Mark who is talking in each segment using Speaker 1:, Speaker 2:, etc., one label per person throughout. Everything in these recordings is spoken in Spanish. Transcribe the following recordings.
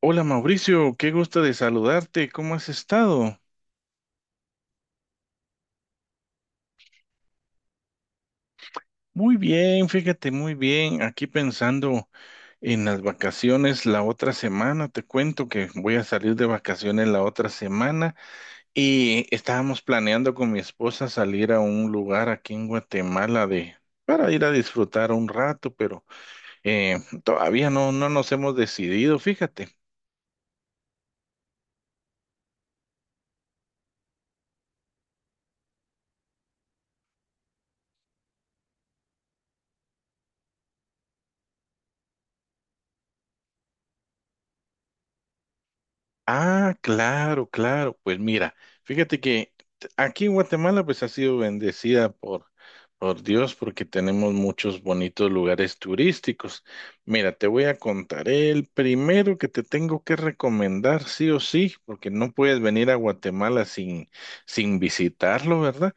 Speaker 1: Hola Mauricio, qué gusto de saludarte. ¿Cómo has estado? Muy bien, fíjate, muy bien. Aquí pensando en las vacaciones la otra semana. Te cuento que voy a salir de vacaciones la otra semana y estábamos planeando con mi esposa salir a un lugar aquí en Guatemala de para ir a disfrutar un rato, pero eh, todavía no nos hemos decidido, fíjate. Ah, claro, claro. Pues mira, fíjate que aquí en Guatemala pues ha sido bendecida por Dios porque tenemos muchos bonitos lugares turísticos. Mira, te voy a contar el primero que te tengo que recomendar sí o sí, porque no puedes venir a Guatemala sin visitarlo, ¿verdad?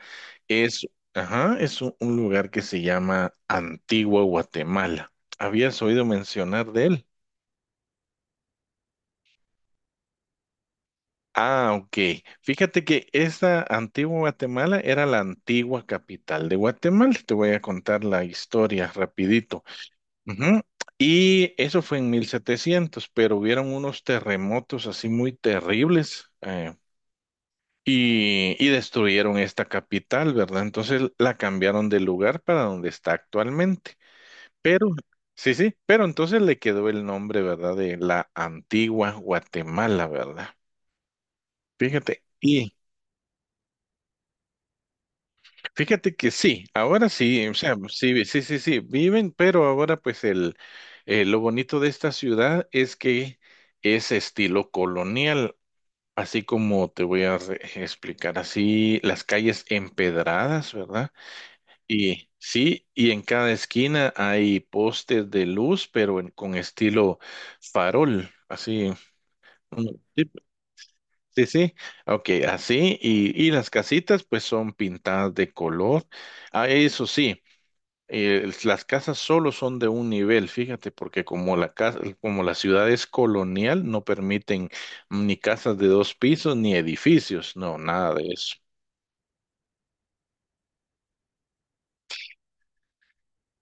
Speaker 1: Es, ajá, es un lugar que se llama Antigua Guatemala. ¿Habías oído mencionar de él? Ah, ok. Fíjate que esa antigua Guatemala era la antigua capital de Guatemala. Te voy a contar la historia rapidito. Ujú. Y eso fue en 1700, pero hubieron unos terremotos así muy terribles y destruyeron esta capital, ¿verdad? Entonces la cambiaron de lugar para donde está actualmente. Pero, sí, sí, pero entonces le quedó el nombre, ¿verdad? De la antigua Guatemala, ¿verdad? Fíjate. Y Fíjate que sí, ahora sí, o sea, sí, sí, sí, sí, viven, pero ahora pues lo bonito de esta ciudad es que es estilo colonial, así como te voy a explicar, así las calles empedradas, ¿verdad? Y sí, y en cada esquina hay postes de luz, pero con estilo farol, así. mm, Sí, sí, sí, ok, así, y las casitas pues son pintadas de color, ah, eso sí las casas solo son de un nivel, fíjate, porque como la casa, como la ciudad es colonial, no permiten ni casas de dos pisos ni edificios, no, nada de eso.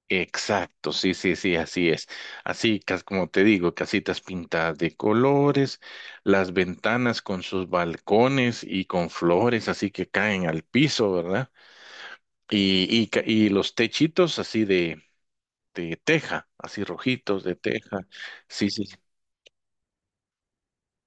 Speaker 1: Exacto, sí, sí, sí, así es. Así, como te digo, casitas pintadas de colores, las ventanas con sus balcones y con flores, así que caen al piso, ¿verdad? Y, ca- y los techitos así de teja, así rojitos de teja. Sí, sí,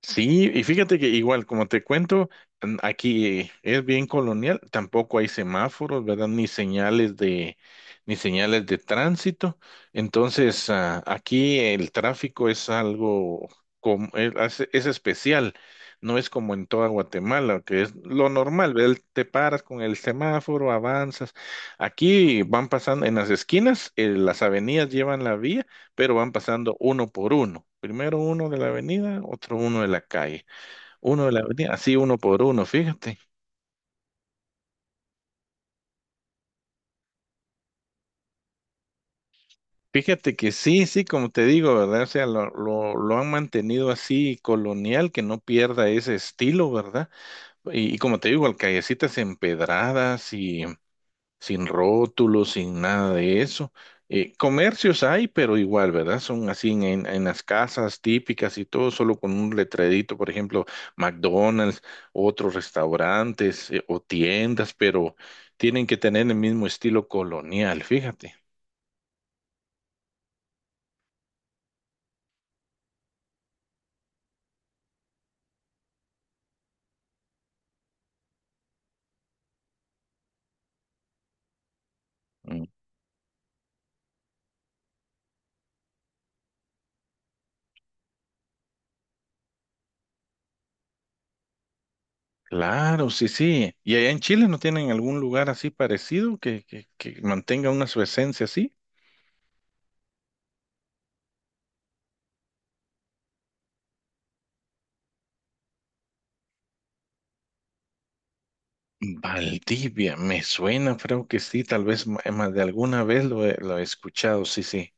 Speaker 1: Sí, y fíjate que igual, como te cuento, aquí es bien colonial, tampoco hay semáforos, ¿verdad? Ni señales de tránsito. Entonces, ah, aquí el tráfico es algo como, es, es especial, no es como en toda Guatemala, que es lo normal, ¿verdad? Te paras con el semáforo, avanzas. Aquí van pasando en las esquinas, las avenidas llevan la vía pero van pasando uno por uno. Primero uno de la avenida, otro uno de la calle, uno de la avenida, así uno por uno, fíjate. Fíjate que sí, sí, como te digo, ¿verdad? O sea, lo han mantenido así colonial, que no pierda ese estilo, ¿verdad? Y como te digo, al callecitas empedradas sin rótulos, sin nada de eso. Comercios hay, pero igual, ¿verdad? Son así en, en las casas típicas y todo, solo con un letrerito, por ejemplo, McDonald's, otros restaurantes o tiendas, pero tienen que tener el mismo estilo colonial, fíjate. Mm, Claro, sí, sí. ¿Y allá en Chile no tienen algún lugar así parecido que mantenga una su esencia así? Valdivia, me suena, creo que sí, tal vez más de alguna vez lo he escuchado, sí, sí.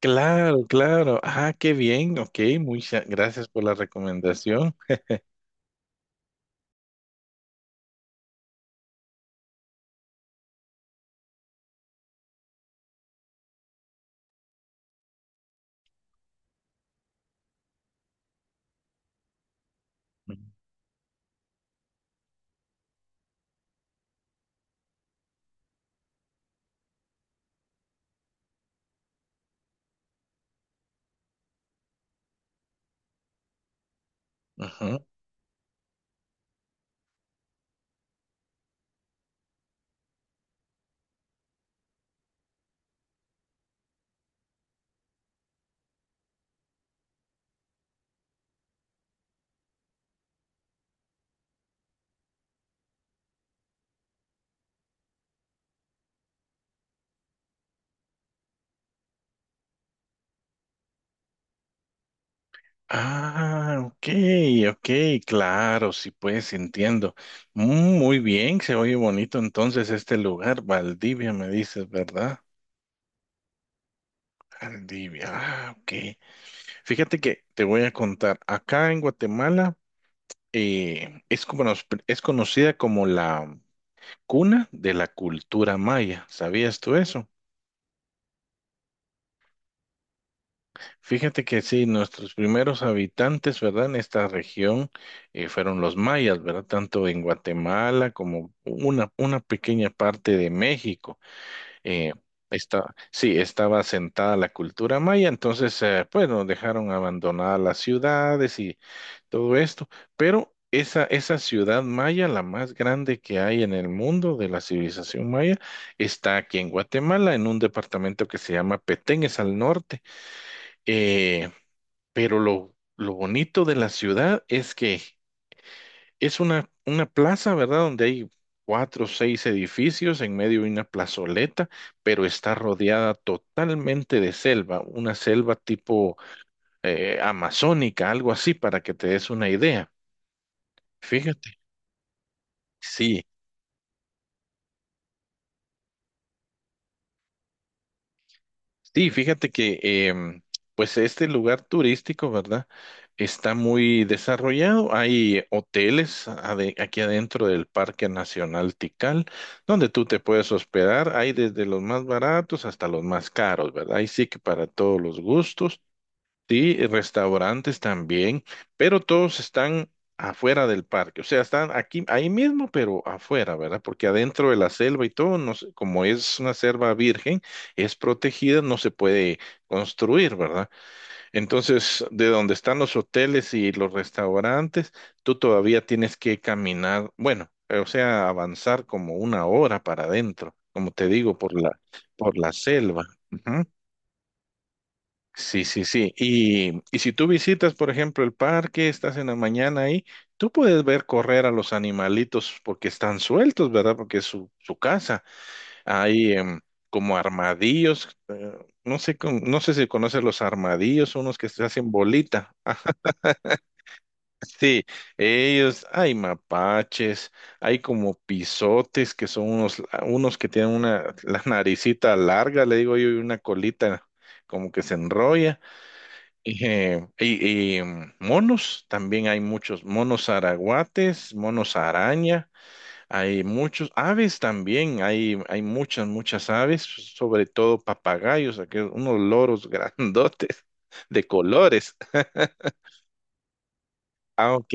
Speaker 1: Claro, claro. Ah, qué bien, ok, muchas gracias por la recomendación. Ajá. Ah, ok, ok, claro, sí, pues entiendo. Mm, muy bien, se oye bonito entonces este lugar, Valdivia, me dices, ¿verdad? Valdivia, ah, ok. Fíjate que te voy a contar, acá en Guatemala, es, es conocida como la cuna de la cultura maya. ¿Sabías tú eso? Fíjate que sí, nuestros primeros habitantes, ¿verdad? En esta región fueron los mayas, ¿verdad? Tanto en Guatemala como una pequeña parte de México. Eh, está, sí, estaba asentada la cultura maya, entonces, pues nos dejaron abandonadas las ciudades y todo esto. Pero esa ciudad maya, la más grande que hay en el mundo de la civilización maya, está aquí en Guatemala, en un departamento que se llama Petén, es al norte. Eh, pero lo bonito de la ciudad es que es una plaza, ¿verdad? Donde hay cuatro o seis edificios, en medio de una plazoleta, pero está rodeada totalmente de selva, una selva tipo amazónica, algo así, para que te des una idea. Fíjate. Sí, sí, fíjate que em, pues este lugar turístico, ¿verdad? Está muy desarrollado. Hay hoteles aquí adentro del Parque Nacional Tikal, donde tú te puedes hospedar. Hay desde los más baratos hasta los más caros, ¿verdad? Ahí sí que para todos los gustos. Sí, y restaurantes también, pero todos están afuera del parque, o sea, están aquí, ahí mismo, pero afuera, ¿verdad? Porque adentro de la selva y todo, no se- como es una selva virgen, es protegida, no se puede construir, ¿verdad? Entonces, de donde están los hoteles y los restaurantes, tú todavía tienes que caminar, bueno, o sea, avanzar como una hora para adentro, como te digo, por la selva. Sí, sí, sí. Y si tú visitas, por ejemplo, el parque, estás en la mañana ahí, tú puedes ver correr a los animalitos porque están sueltos, ¿verdad? Porque es su casa. Hay como armadillos, no sé, no sé si conoces los armadillos, unos que se hacen bolita. Ah, sí, ellos, hay mapaches, hay como pisotes que son unos, unos que tienen una, la naricita larga, le digo yo, y una colita como que se enrolla. Y monos, también hay muchos monos araguates, monos araña, hay muchos aves también, hay muchas, muchas aves, sobre todo papagayos, aquellos, unos loros grandotes de colores. Ah, ok.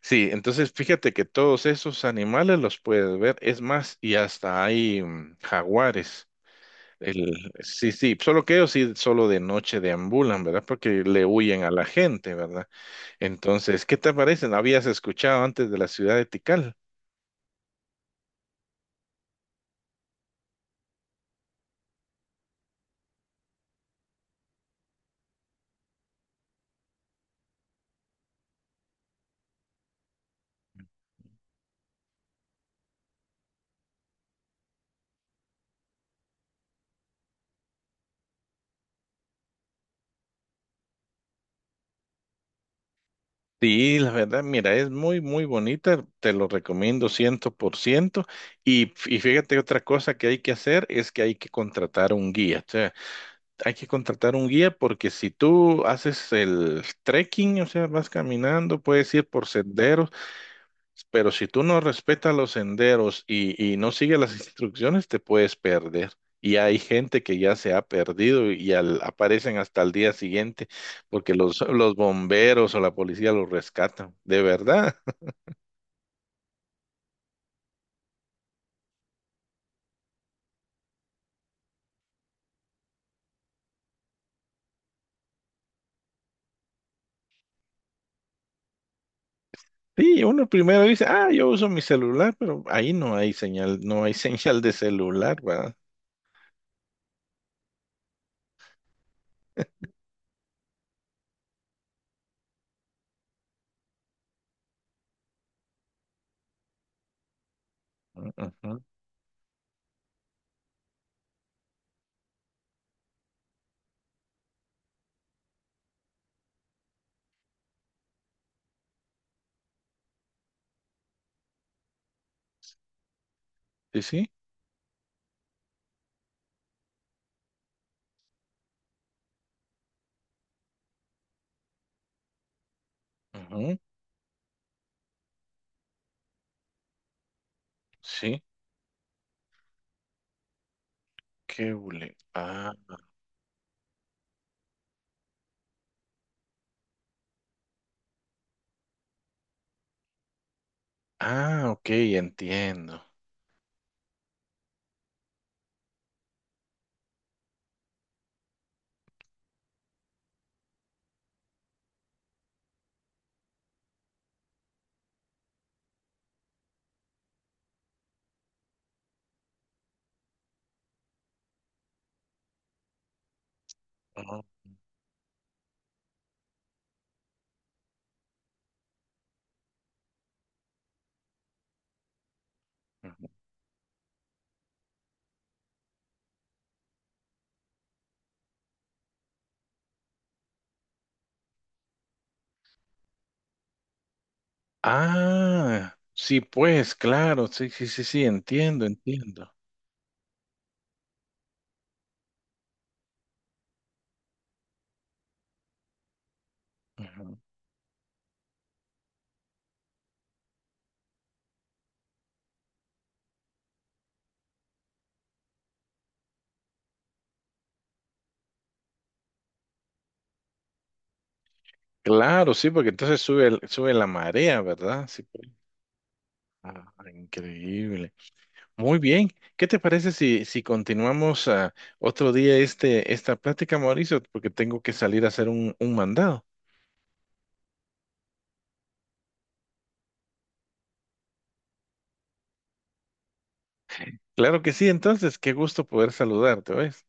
Speaker 1: Sí, entonces fíjate que todos esos animales los puedes ver, es más, y hasta hay jaguares. El, sí, sí, solo que ellos sí, solo de noche deambulan, ¿verdad? Porque le huyen a la gente, ¿verdad? Entonces, ¿qué te parece? ¿No habías escuchado antes de la ciudad de Tikal? Sí, la verdad, mira, es muy, muy bonita, te lo recomiendo 100%. Y fíjate, otra cosa que hay que hacer es que hay que contratar un guía. O sea, hay que contratar un guía porque si tú haces el trekking, o sea, vas caminando, puedes ir por senderos. Pero si tú no respetas los senderos y no sigues las instrucciones, te puedes perder. Y hay gente que ya se ha perdido y aparecen hasta el día siguiente porque los bomberos o la policía los rescatan. De verdad. Sí, uno primero dice, ah, yo uso mi celular, pero ahí no hay señal, no hay señal de celular, ¿verdad? Ujú, ujú. Sí, sí. Ujú. Sí. Qué hule- Ah, ah, ok, entiendo. Oh, ujú. Ah, sí, pues, claro, sí, sí, sí, sí, entiendo, entiendo. Ajá. Claro, sí, porque entonces sube, sube la marea, ¿verdad? Sí, pues. Ah, increíble. Muy bien. ¿Qué te parece si, si continuamos ah, otro día este, esta plática, Mauricio? Porque tengo que salir a hacer un mandado. Claro que sí, entonces, qué gusto poder saludarte, ¿ves?